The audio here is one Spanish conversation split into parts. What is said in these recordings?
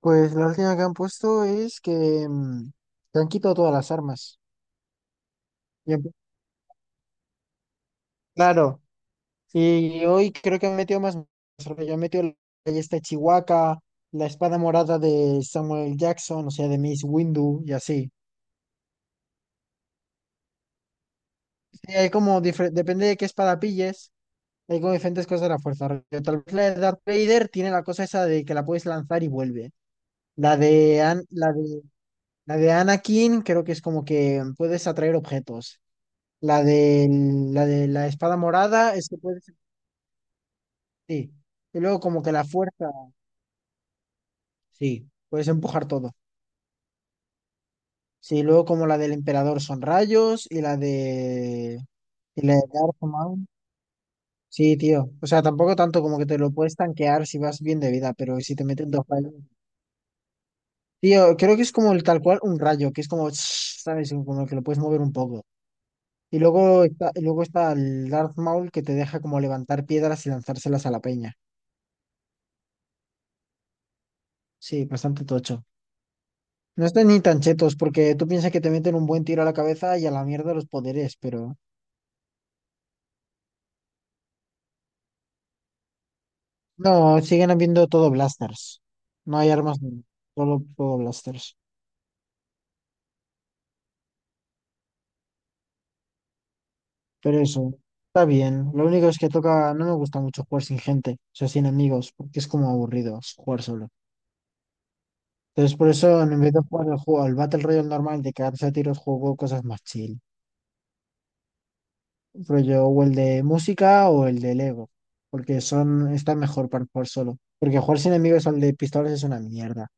Pues la última que han puesto es que, que han quitado todas las armas. Y en- Claro, y hoy creo que han metido más. Yo han metido la ballesta de Chihuahua, la espada morada de Samuel Jackson, o sea, de Miss Windu y así. Sí, hay como depende de qué espada pilles, hay como diferentes cosas de la fuerza. Rollo, tal vez la de Darth Vader tiene la cosa esa de que la puedes lanzar y vuelve. La de, An- la de Anakin creo que es como que puedes atraer objetos. La de la de la espada morada es que puedes, sí. Y luego como que la fuerza, sí, puedes empujar todo. Sí, luego como la del emperador son rayos y la de Darth Maul. Sí, tío. O sea, tampoco tanto como que te lo puedes tanquear si vas bien de vida, pero si te meten dos rayos. Tío, creo que es como el tal cual un rayo, que es como, ¿sabes? Como que lo puedes mover un poco. Y luego está el Darth Maul que te deja como levantar piedras y lanzárselas a la peña. Sí, bastante tocho. No están ni tan chetos, porque tú piensas que te meten un buen tiro a la cabeza y a la mierda los poderes, pero. No, siguen habiendo todo blasters. No hay armas, no. Solo todo blasters. Pero eso, está bien. Lo único es que toca. No me gusta mucho jugar sin gente, o sea, sin amigos, porque es como aburrido jugar solo. Entonces, por eso, en vez de jugar el juego, al Battle Royale normal de cagarse a tiros, juego cosas más chill. Rollo, o el de música o el de Lego, porque son, está mejor para jugar solo. Porque jugar sin amigos al de pistolas es una mierda.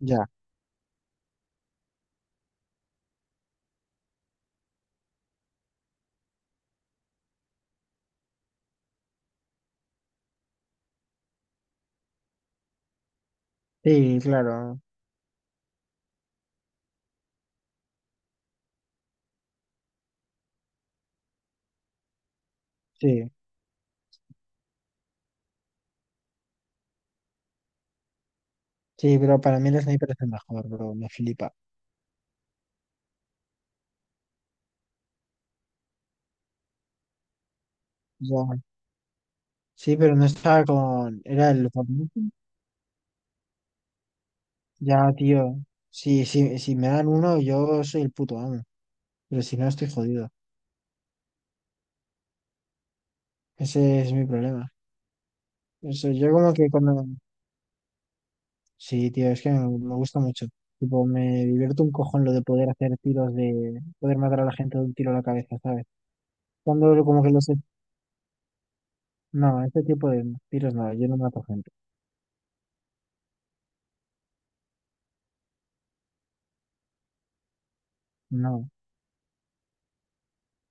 Ya. Sí, claro, sí, sí, pero para mí el sniper es el mejor, bro, me flipa. Ya, sí, pero no estaba con, era el favorito. Ya, tío, sí, sí, si me dan uno, yo soy el puto amo, pero si no, estoy jodido. Ese es mi problema. Eso, yo como que cuando, sí, tío, es que me gusta mucho. Tipo, me divierto un cojón lo de poder hacer tiros de, poder matar a la gente de un tiro a la cabeza, ¿sabes? Cuando como que lo sé, no, este tipo de tiros no, yo no mato gente, no.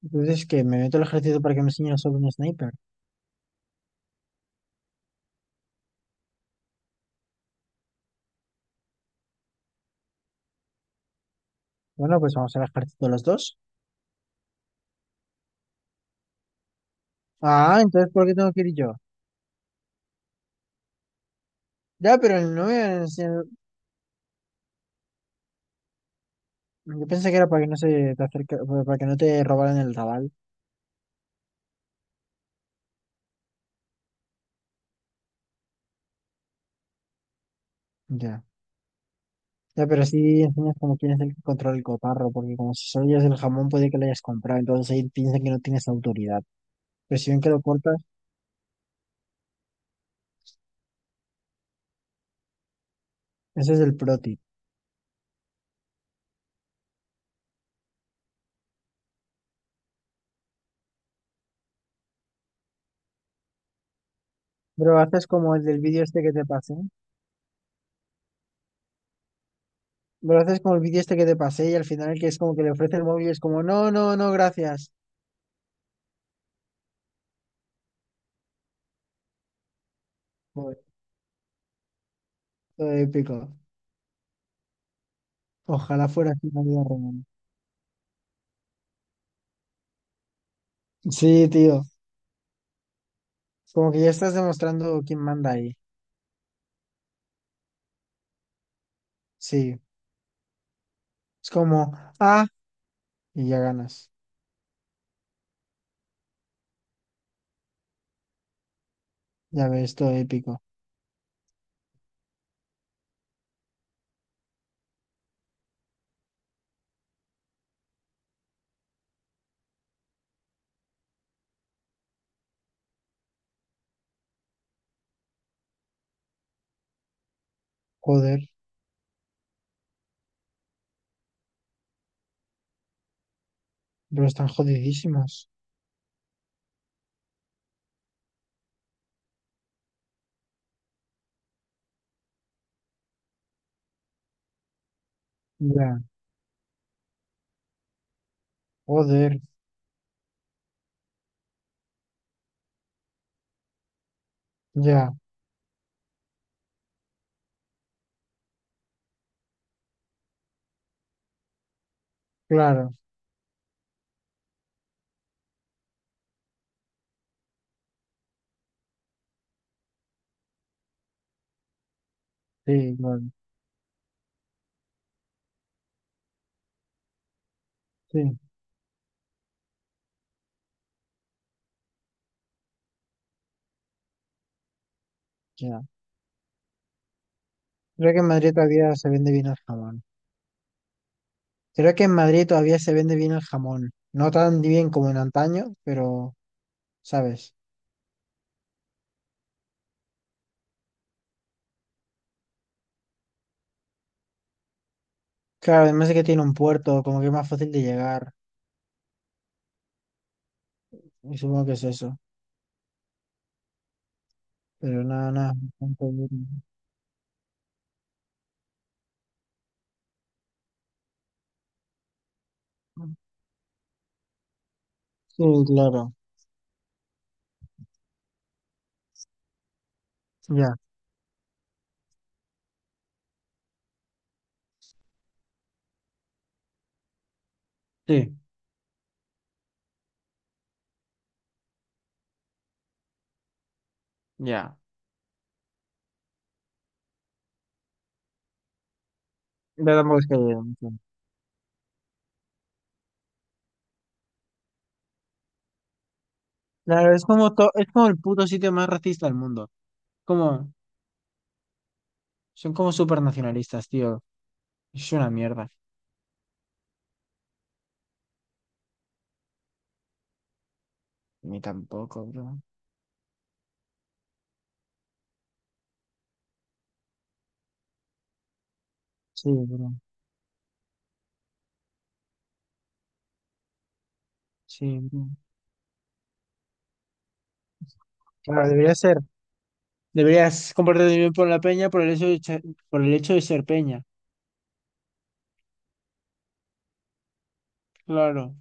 Entonces, que me meto al ejército para que me enseñen sobre un sniper. Bueno, pues vamos al ejército los dos. Ah, entonces, ¿por qué tengo que ir yo? Ya, pero no me van a enseñar. Yo pensé que era para que no se te acerca, para que no te robaran el rabal. Ya. Ya, pero sí enseñas como quién es el que controla el cotarro, porque como si solo llevas el jamón, puede que lo hayas comprado, entonces ahí piensan que no tienes autoridad. Pero si ven que lo cortas, ese es el pro tip. Pero haces como el del vídeo este que te pasé. Pero haces como el vídeo este que te pasé y al final que es como que le ofrece el móvil y es como, no, no, no, gracias. Todo épico. Ojalá fuera así la vida real. Sí, tío. Como que ya estás demostrando quién manda ahí. Sí. Es como, ah, y ya ganas. Ya ves, todo épico. Joder, pero están jodidísimos. Ya, joder, ya, claro. Sí, bueno, sí, ya. Creo que en Madrid todavía se vende bien el jamón. Creo que en Madrid todavía se vende bien el jamón. No tan bien como en antaño, pero, ¿sabes? Claro, además de que tiene un puerto, como que es más fácil de llegar. Y supongo que es eso. Pero nada, nada. Sí, claro. Ya, sí, ya. Ya tampoco es que haya mucho. Claro, es como, es como el puto sitio más racista del mundo. Como, son como super nacionalistas, tío. Es una mierda. Ni tampoco, bro. Sí, bro. Sí, bro. Claro, debería ser. Deberías comportarte bien por la peña por el hecho de, por el hecho de ser peña. Claro.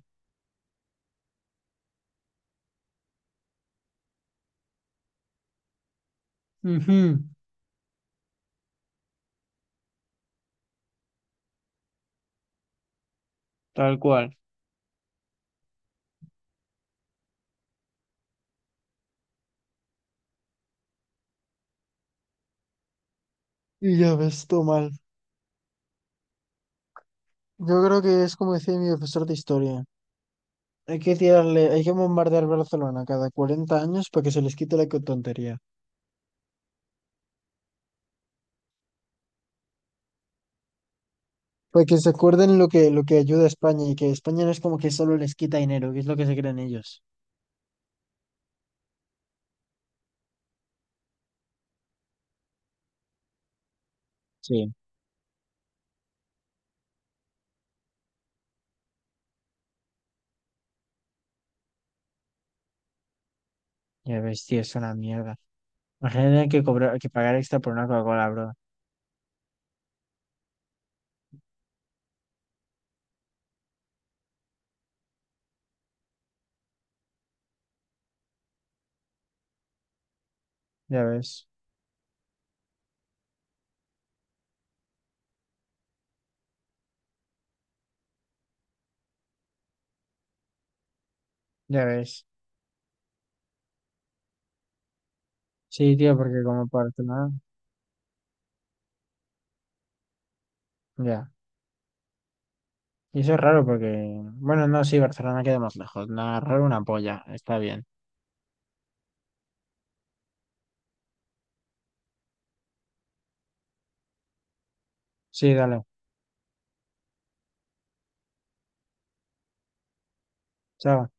Ujú. Tal cual. Y ya ves, todo mal. Yo creo que es como decía mi profesor de historia. Hay que tirarle, hay que bombardear Barcelona cada 40 años para que se les quite la tontería. Para que se acuerden lo que ayuda a España y que España no es como que solo les quita dinero, que es lo que se creen ellos. Sí. Ya ves, tío, es una mierda. Imagínate que cobrar, que pagar extra por una Coca-Cola, bro. Ya ves, ya ves. Sí, tío, porque como Barcelona, ya. Y eso es raro porque, bueno, no, sí, Barcelona queda más lejos. Nada, raro una polla. Está bien. Sí, dale. Chao.